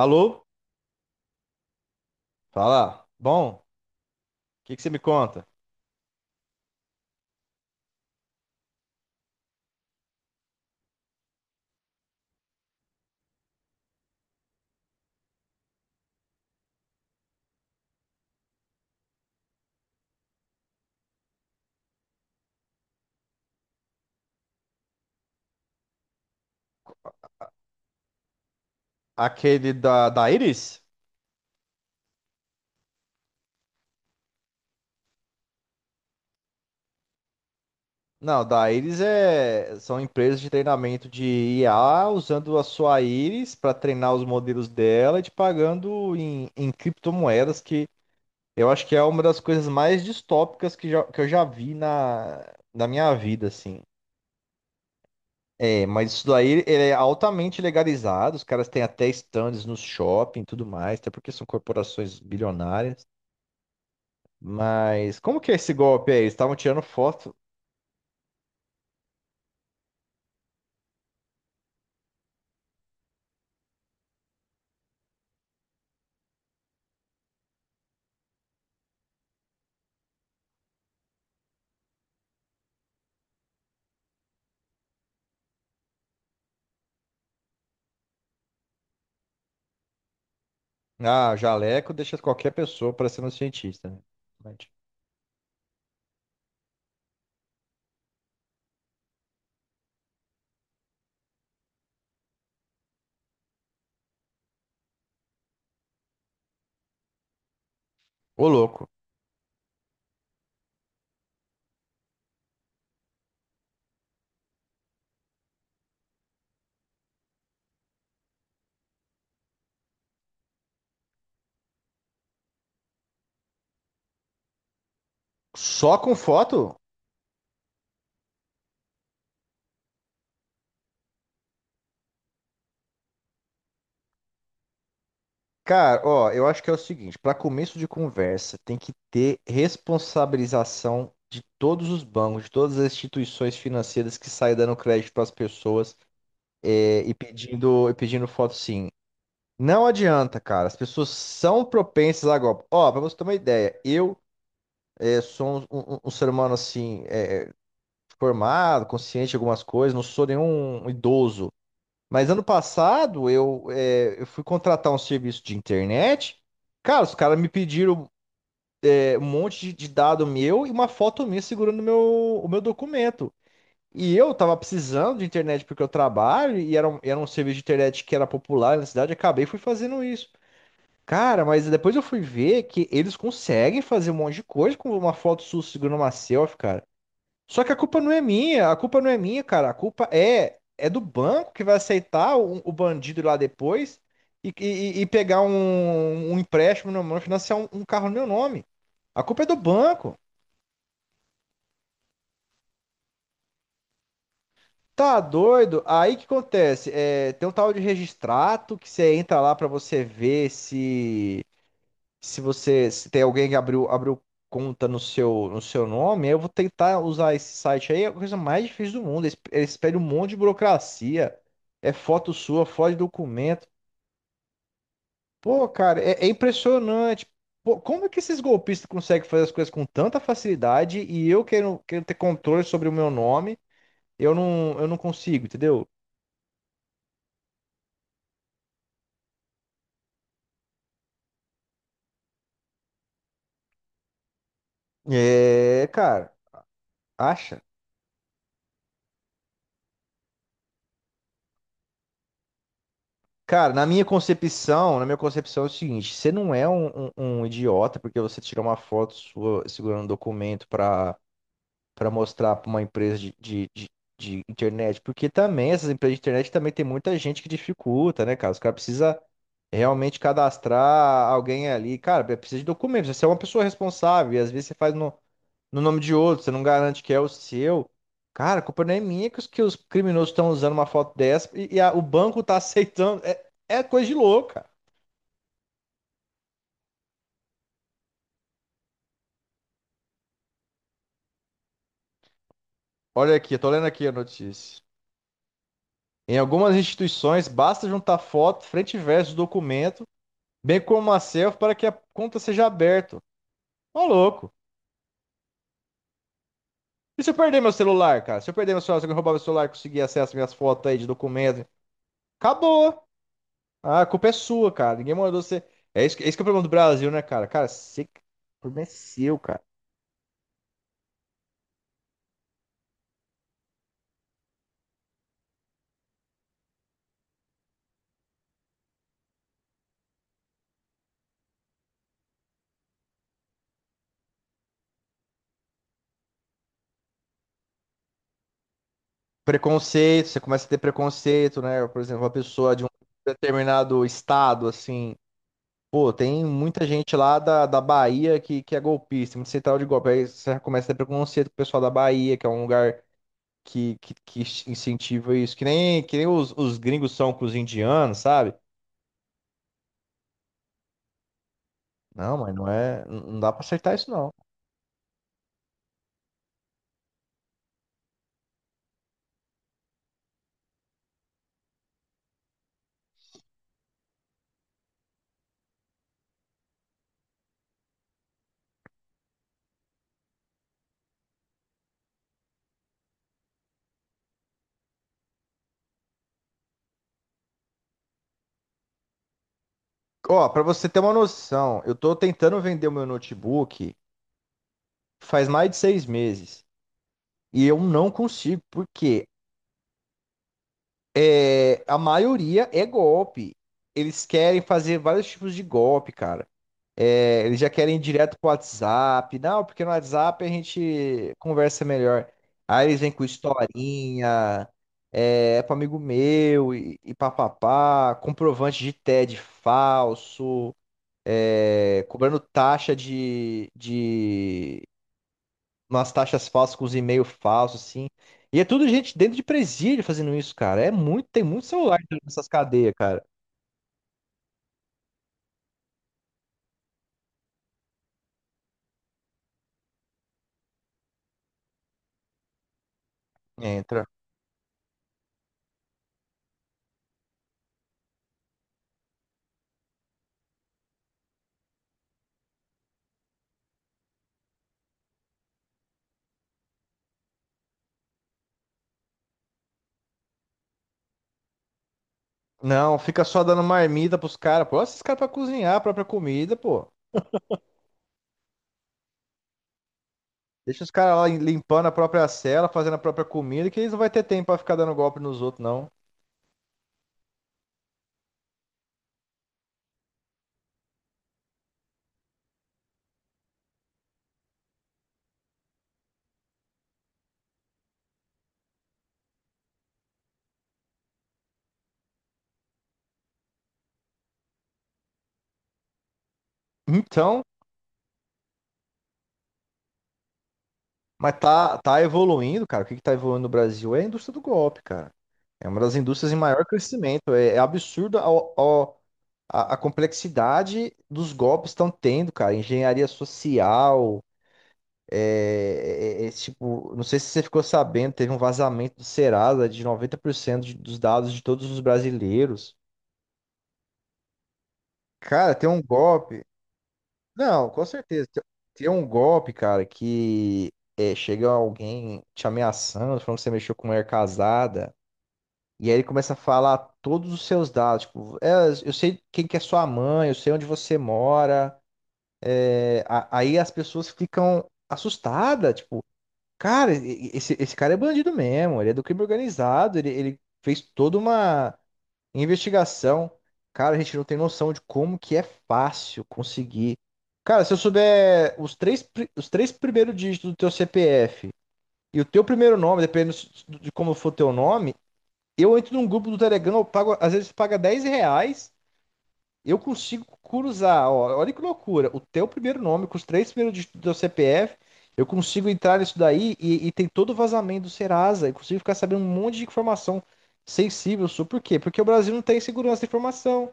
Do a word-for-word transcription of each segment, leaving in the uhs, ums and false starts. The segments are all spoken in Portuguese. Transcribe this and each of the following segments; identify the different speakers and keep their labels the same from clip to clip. Speaker 1: Alô? Fala. Bom, o que que você me conta? Aquele da, da Iris? Não, da Iris é, são empresas de treinamento de I A usando a sua Iris para treinar os modelos dela e te pagando em, em criptomoedas, que eu acho que é uma das coisas mais distópicas que, já- que eu já vi na, na minha vida, assim. É, mas isso daí ele é altamente legalizado, os caras têm até stands nos shopping e tudo mais, até porque são corporações bilionárias. Mas como que é esse golpe aí? Eles estavam tirando foto. Ah, jaleco deixa qualquer pessoa parecendo um cientista, né? Verdade. Ô, louco. Só com foto? Cara, ó, eu acho que é o seguinte, para começo de conversa, tem que ter responsabilização de todos os bancos, de todas as instituições financeiras que saem dando crédito para as pessoas é, e pedindo, e pedindo foto, sim. Não adianta, cara. As pessoas são propensas a golpe. Ó, para você ter uma ideia, eu é, sou um, um- um ser humano assim, é, formado, consciente de algumas coisas, não sou nenhum idoso. Mas ano passado eu, é, eu fui contratar um serviço de internet. Cara, os caras me pediram é, um monte de, de dado meu e uma foto minha segurando meu, o meu documento. E eu tava precisando de internet porque eu trabalho e era um, era um, serviço de internet que era popular na cidade. Acabei fui fazendo isso. Cara, mas depois eu fui ver que eles conseguem fazer um monte de coisa com uma foto sua segurando uma selfie, cara. Só que a culpa não é minha, a culpa não é minha, cara. A culpa é é do banco que vai aceitar o, o bandido lá depois e, e- e pegar um, um empréstimo no meu nome, financiar um, um carro no meu nome. A culpa é do banco. Tá doido? Aí o que acontece? É, tem um tal de registrato que você entra lá pra você ver se Se você se tem alguém que abriu, abriu conta no seu, no seu nome. Eu vou tentar usar esse site aí. É a coisa mais difícil do mundo. Eles, eles pedem um monte de burocracia. É foto sua, foto de documento. Pô, cara, é, é impressionante. Pô, como é que esses golpistas conseguem fazer as coisas com tanta facilidade e eu quero, quero ter controle sobre o meu nome, eu não, eu não consigo, entendeu? É, cara, acha. Cara, na minha concepção, na minha concepção é o seguinte, você não é um, um- um idiota porque você tira uma foto sua segurando um documento para para mostrar para uma empresa de, de, de, de internet, porque também essas empresas de internet também tem muita gente que dificulta, né, cara? Os caras precisam realmente cadastrar alguém ali. Cara, precisa de documentos, você é uma pessoa responsável e às vezes você faz no, no, nome de outro, você não garante que é o seu. Cara, a culpa não é minha que os, que os criminosos estão usando uma foto dessa e, e a- o banco tá aceitando. É, é coisa de louco, cara. Olha aqui, eu tô lendo aqui a notícia. Em algumas instituições, basta juntar foto, frente e verso do documento, bem como uma selfie, para que a conta seja aberta. Ô, louco. E se eu perder meu celular, cara? Se eu perder meu celular, se alguém roubar meu celular e conseguir acesso às minhas fotos aí de documento, acabou. Ah, a culpa é sua, cara. Ninguém mandou você. É isso, que- é isso que é o problema do Brasil, né, cara? Cara, você, o problema é seu, cara. Preconceito, você começa a ter preconceito, né? Por exemplo, uma pessoa de um determinado estado, assim. Pô, tem muita gente lá da, da Bahia que, que é golpista, muito central de golpe. Aí você já começa a ter preconceito com o pessoal da Bahia, que é um lugar que, que, que incentiva isso. Que nem, que nem os, os gringos são com os indianos, sabe? Não, mas não é. Não dá pra acertar isso, não. Ó, pra você ter uma noção, eu tô tentando vender o meu notebook faz mais de seis meses e eu não consigo, porque é, a maioria é golpe. Eles querem fazer vários tipos de golpe, cara. É, eles já querem ir direto pro WhatsApp. Não, porque no WhatsApp a gente conversa melhor. Aí eles vêm com historinha, é, é pro amigo meu e, e papapá, comprovante de TED falso. É, cobrando taxa de, de umas taxas falsas com os e-mails falsos, assim. E é tudo gente dentro de presídio fazendo isso, cara. É muito, tem muito celular dentro dessas cadeias, cara. Entra. Não, fica só dando marmita pros caras, pô. Olha esses caras pra cozinhar a própria comida, pô. Deixa os caras lá limpando a própria cela, fazendo a própria comida, que eles não vai ter tempo pra ficar dando golpe nos outros, não. Então, mas tá, tá evoluindo, cara. O que que tá evoluindo no Brasil é a indústria do golpe, cara. É uma das indústrias em maior crescimento. É, é absurdo ao- a, a complexidade dos golpes estão tendo, cara. Engenharia social, é, é- é, é, tipo, não sei se você ficou sabendo, teve um vazamento do Serasa de noventa por cento de- dos dados de todos os brasileiros. Cara, tem um golpe. Não, com certeza. Tem tem um golpe, cara, que é, chega alguém te ameaçando, falando que você mexeu com mulher casada, e aí ele começa a falar todos os seus dados. Tipo, é, eu sei quem que é sua mãe, eu sei onde você mora. É, a- aí as pessoas ficam assustadas, tipo, cara, e- e- esse, esse cara é bandido mesmo, ele é do crime organizado, ele, ele fez toda uma investigação, cara, a gente não tem noção de como que é fácil conseguir. Cara, se eu souber os três, pri- os três primeiros dígitos do teu C P F e o teu primeiro nome, dependendo s- de como for teu nome, eu entro num grupo do Telegram, eu pago, às vezes paga dez reais, eu consigo cruzar, ó, olha que loucura. O teu primeiro nome, com os três primeiros dígitos do teu C P F, eu consigo entrar nisso daí e, e tem todo o vazamento do Serasa. Eu consigo ficar sabendo um monte de informação sensível sua. Por quê? Porque o Brasil não tem segurança de informação.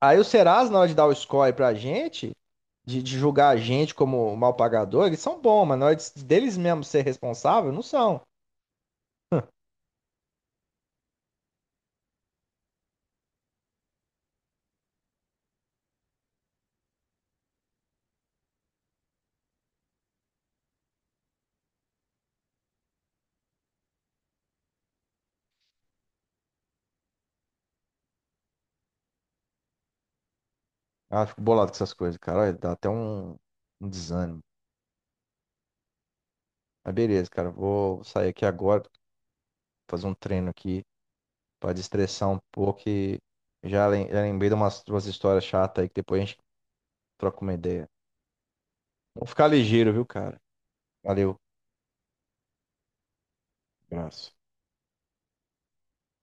Speaker 1: Aí o Serasa, na hora de dar o score pra gente, de, de, julgar a gente como mal pagador, eles são bons, mas na hora de- deles mesmos ser responsável, não são. Ah, fico bolado com essas coisas, cara. Olha, dá até um, um desânimo. Mas beleza, cara. Vou sair aqui agora, fazer um treino aqui. Pra destressar um pouco e já lem- já lembrei de umas, duas histórias chatas aí que depois a gente troca uma ideia. Vamos ficar ligeiro, viu, cara? Valeu, abraço.